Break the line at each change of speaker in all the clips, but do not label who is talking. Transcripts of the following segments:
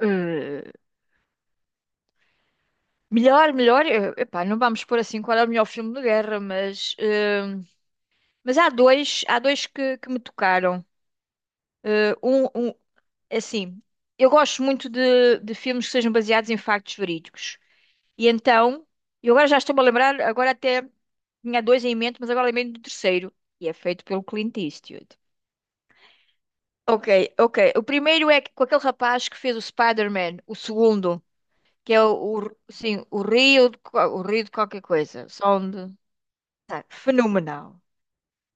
Eh, melhor, melhor, epá, não vamos pôr assim qual é o melhor filme de guerra, mas, mas há dois que me tocaram. Eh, um, um, é assim, eu gosto muito de filmes que sejam baseados em factos verídicos. E então, eu agora já estou-me a lembrar, agora até tinha dois em mente, mas agora lembrei do terceiro, e é feito pelo Clint Eastwood. Ok, ok. O primeiro é com aquele rapaz que fez o Spider-Man, o segundo. Que é o- Sim, o Rio, de, o Rio de qualquer coisa, som de, tá, fenomenal.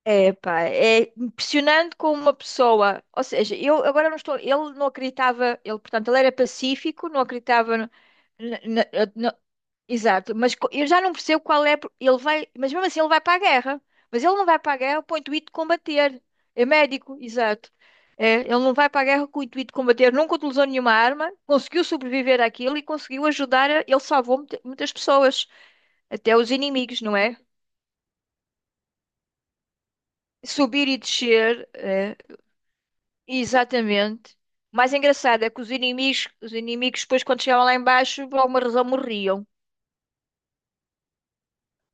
É, pá, é impressionante como uma pessoa, ou seja, eu agora não estou, ele não acreditava, ele, portanto, ele era pacífico, não acreditava, na- na- na- exato, mas eu já não percebo qual é, ele vai, mas mesmo assim ele vai para a guerra, mas ele não vai para a guerra com o intuito de combater, é médico, exato. É, ele não vai para a guerra com o intuito de combater, nunca utilizou nenhuma arma, conseguiu sobreviver àquilo e conseguiu ajudar, ele salvou muitas pessoas, até os inimigos, não é? Subir e descer. É. Exatamente. O mais engraçado é que os inimigos depois quando chegavam lá embaixo, por alguma razão morriam.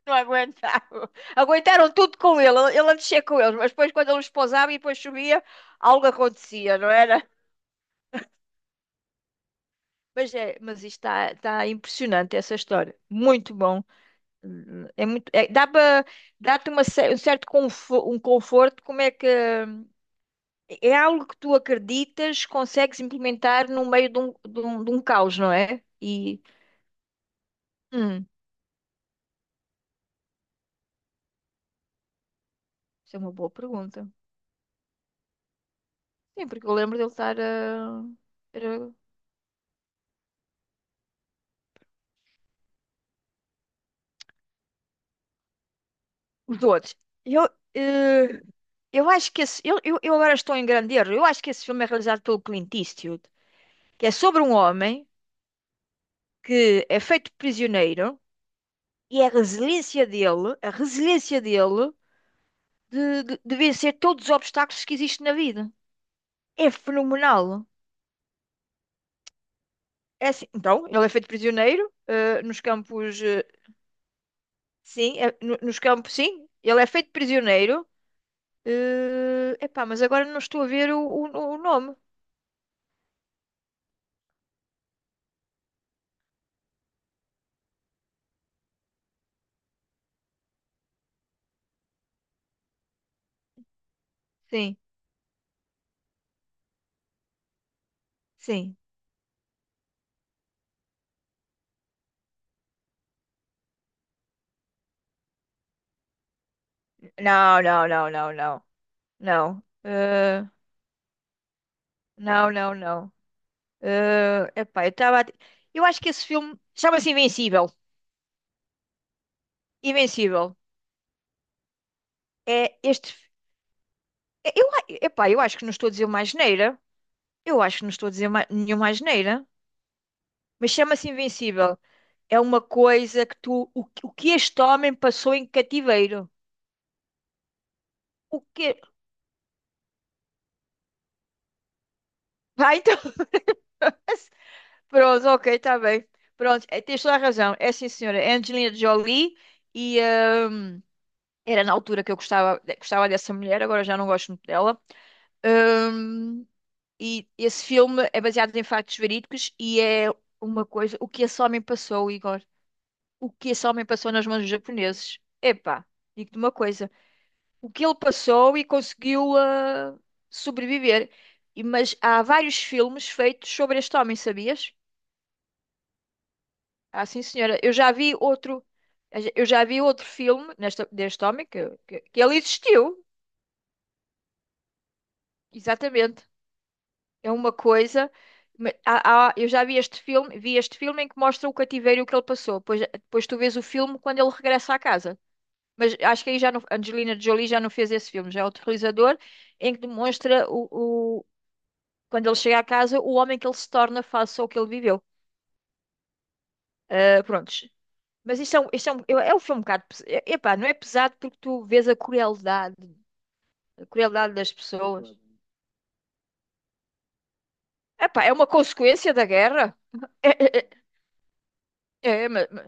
Não aguentavam. Aguentaram tudo com ele. Ele a descer com eles, mas depois quando ele os pousava e depois subia, algo acontecia, não era? Mas, é, mas isto está impressionante, essa história. Muito bom. Dá para, dá-te uma cer- um certo confo- um conforto, como é que... hum, é algo que tu acreditas, consegues implementar no meio de um caos, não é? E... hum, isso é uma boa pergunta. Sim, porque eu lembro dele estar a. Era... Os outros. Eu, eh, eu acho que esse. Eu agora estou em grande erro. Eu acho que esse filme é realizado pelo Clint Eastwood, que é sobre um homem que é feito prisioneiro e a resiliência dele de vencer todos os obstáculos que existem na vida. É fenomenal. É assim. Então, ele é feito prisioneiro, nos campos. Sim, nos campos, sim. Ele é feito prisioneiro. Epá, mas agora não estou a ver o nome. Sim, sim. Não, não, não. Não. Não, não, não. Epá, eu estava. Eu acho que esse filme chama-se Invencível. Invencível. É este. Epá, eu acho que não estou a dizer uma asneira. Eu acho que não estou a dizer nenhuma asneira. Mas chama-se Invencível. É uma coisa que tu. O que este homem passou em cativeiro? O que. Vai, então. Pronto, ok, está bem. Pronto, é, tens toda a razão. É, sim, senhora. É Angelina Jolie e hum, era na altura que eu gostava, gostava dessa mulher, agora já não gosto muito dela. Hum. E esse filme é baseado em factos verídicos e é uma coisa. O que esse homem passou, Igor? O que esse homem passou nas mãos dos japoneses? Epá, digo-te uma coisa. O que ele passou e conseguiu sobreviver. Mas há vários filmes feitos sobre este homem, sabias? Ah, sim, senhora. Eu já vi outro filme nesta, deste homem que ele existiu. Exatamente. É uma coisa. Eu já vi este filme em que mostra o cativeiro que ele passou. Depois tu vês o filme quando ele regressa à casa. Mas acho que aí já não, Angelina Jolie já não fez esse filme, já é outro realizador, em que demonstra quando ele chega à casa, o homem que ele se torna face ao que ele viveu. Ah, prontos. Mas isto é um, é um filme um bocado. Epá, não é pesado porque tu vês a crueldade das pessoas. Epá, é uma consequência da guerra. É, é, é, é, ma- ma-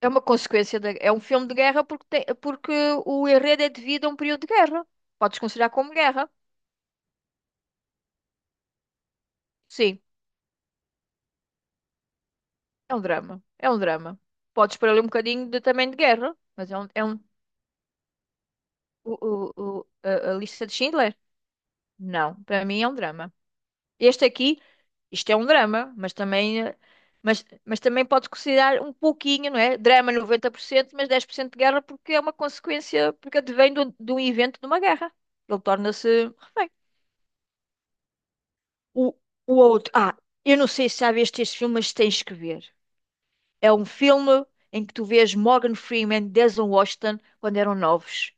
É uma consequência da, é um filme de guerra porque, tem, porque o enredo é devido a um período de guerra. Podes considerar como guerra. Sim, é um drama. É um drama. Podes pôr ali um bocadinho de, também de guerra, mas é um o, a lista de Schindler? Não, para mim é um drama. Este aqui, isto é um drama, mas também, mas também pode considerar um pouquinho, não é? Drama 90%, mas 10% de guerra porque é uma consequência, porque advém de um evento de uma guerra. Ele torna-se refém. O, o outro, eu não sei se já viste este filme, mas tens que ver. É um filme em que tu vês Morgan Freeman, Denzel Washington, quando eram novos.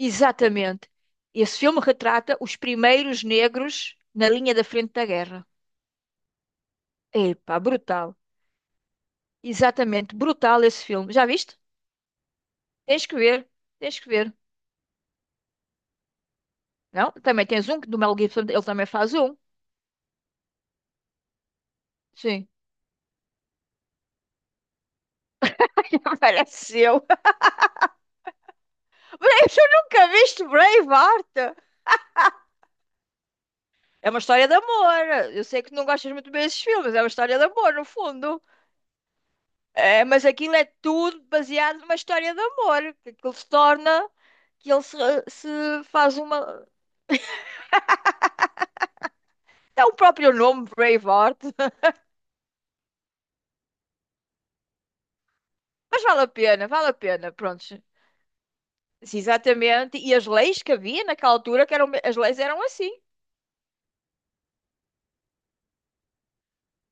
Exatamente. Esse filme retrata os primeiros negros na linha da frente da guerra. Epá, brutal. Exatamente, brutal esse filme. Já viste? Tens que ver, tens que ver. Não? Também tens um que do Mel Gibson, ele também faz um. Sim. Apareceu. Mas eu nunca viste Braveheart. É uma história de amor. Eu sei que não gostas muito bem desses filmes, é uma história de amor, no fundo. É, mas aquilo é tudo baseado numa história de amor, que aquilo se torna, que ele se, se faz uma. É o próprio nome, Braveheart. Mas vale a pena, pronto. Sim, exatamente. E as leis que havia naquela altura, que eram, as leis eram assim.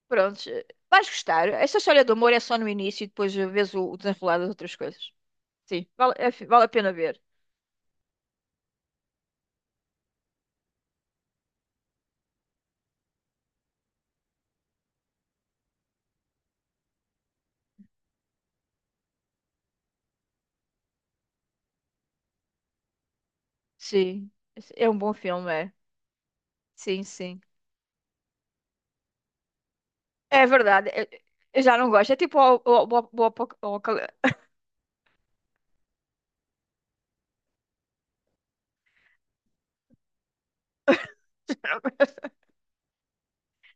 Prontos. Vais gostar. Esta história do amor é só no início e depois vês o desenrolar das outras coisas. Sim, vale, vale a pena ver. Sim. É um bom filme, é. Sim, sim. É verdade. Eu já não gosto. É tipo o apoca-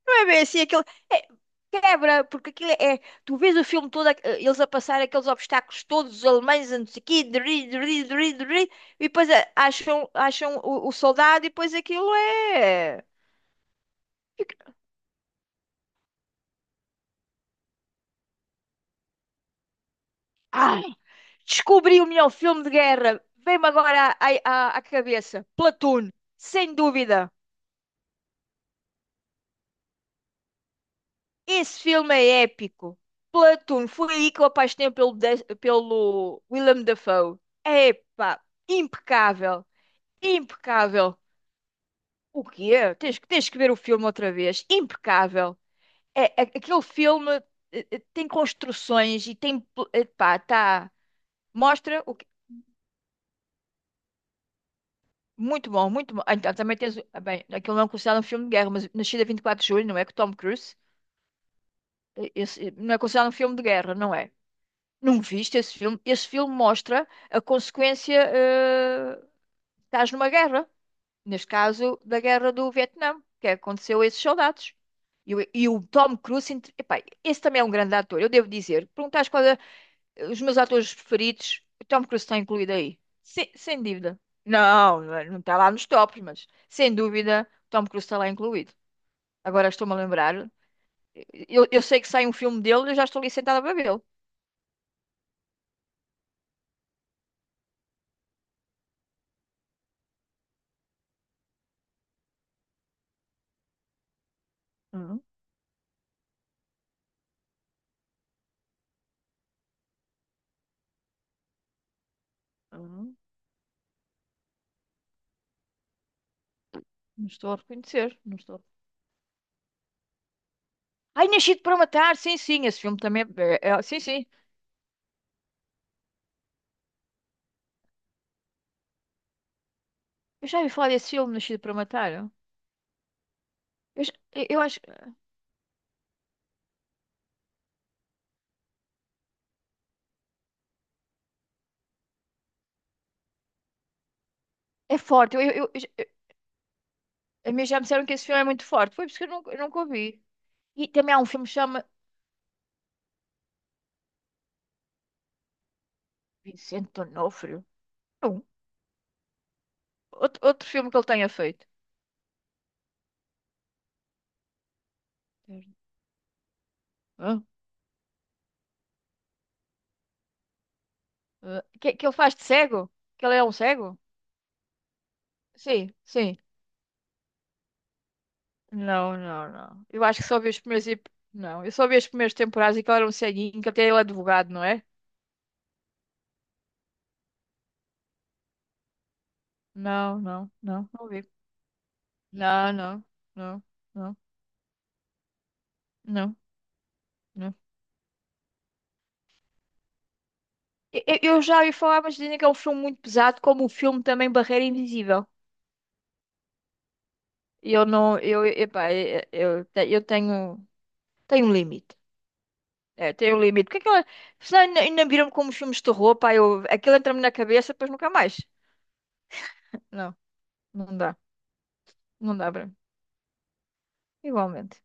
É bem assim, é- quebra, porque aquilo é. Tu vês o filme todo, eles a passar aqueles obstáculos todos, os alemães, a não sei o quê, dri, dri, dri, dri, e depois acham o soldado, e depois aquilo é. Ai, descobri o melhor filme de guerra. Vem-me agora à cabeça. Platoon, sem dúvida. Esse filme é épico. Platoon, foi aí que eu apaixonei pelo Willem Dafoe. Epá, impecável, impecável. O quê? Tens que ver o filme outra vez. Impecável. É, aquele filme tem construções e tem, pá, tá, mostra muito bom, muito bom. Ah, então, também tens, bem, aquilo não é considerado um filme de guerra, mas Nascida 24 de Julho, não é? Com Tom Cruise, esse, não é considerado um filme de guerra, não é? Não viste esse filme? Esse filme mostra a consequência, estás numa guerra. Neste caso, da guerra do Vietnã, que aconteceu a esses soldados. E, o Tom Cruise, epá, esse também é um grande ator, eu devo dizer. Perguntaste qual é os meus atores preferidos, o Tom Cruise está incluído aí. Sem dúvida. Não, não está lá nos tops, mas sem dúvida, o Tom Cruise está lá incluído. Agora estou-me a lembrar. Eu sei que sai um filme dele e eu já estou ali sentada para vê-lo. Hum, hum, não estou a reconhecer, não estou. Ai, Nascido para Matar, sim, sim, esse filme também é, sim, sim. Eu já ouvi falar desse filme, Nascido para Matar. Eu, já- eu acho que é forte. A mim já me disseram que esse filme é muito forte. Foi por isso que eu nunca o. E também há um filme que chama Vicente D'Onofrio. Não. Outro, outro filme que ele tenha feito. Hã? Hã? Que ele faz de cego? Que ele é um cego? Sim, sim. Não, não, não. Eu acho que só vi os primeiros. Não, eu só vi as primeiras temporadas e que ele era um ceguinho, que até ele é advogado, não é? Não, não vi. Não, não, não, não, não. Não. Eu já ouvi falar, mas dizem que é um filme muito pesado, como o filme também Barreira Invisível. E Eu não, eu, epá, eu te- Eu tenho, tenho um limite. É, tenho um limite. Porque aquela, senão ainda, ainda viram como os filmes de terror, pá, eu, aquilo entra-me na cabeça, depois nunca mais. Não, não dá, não dá para mim. Igualmente.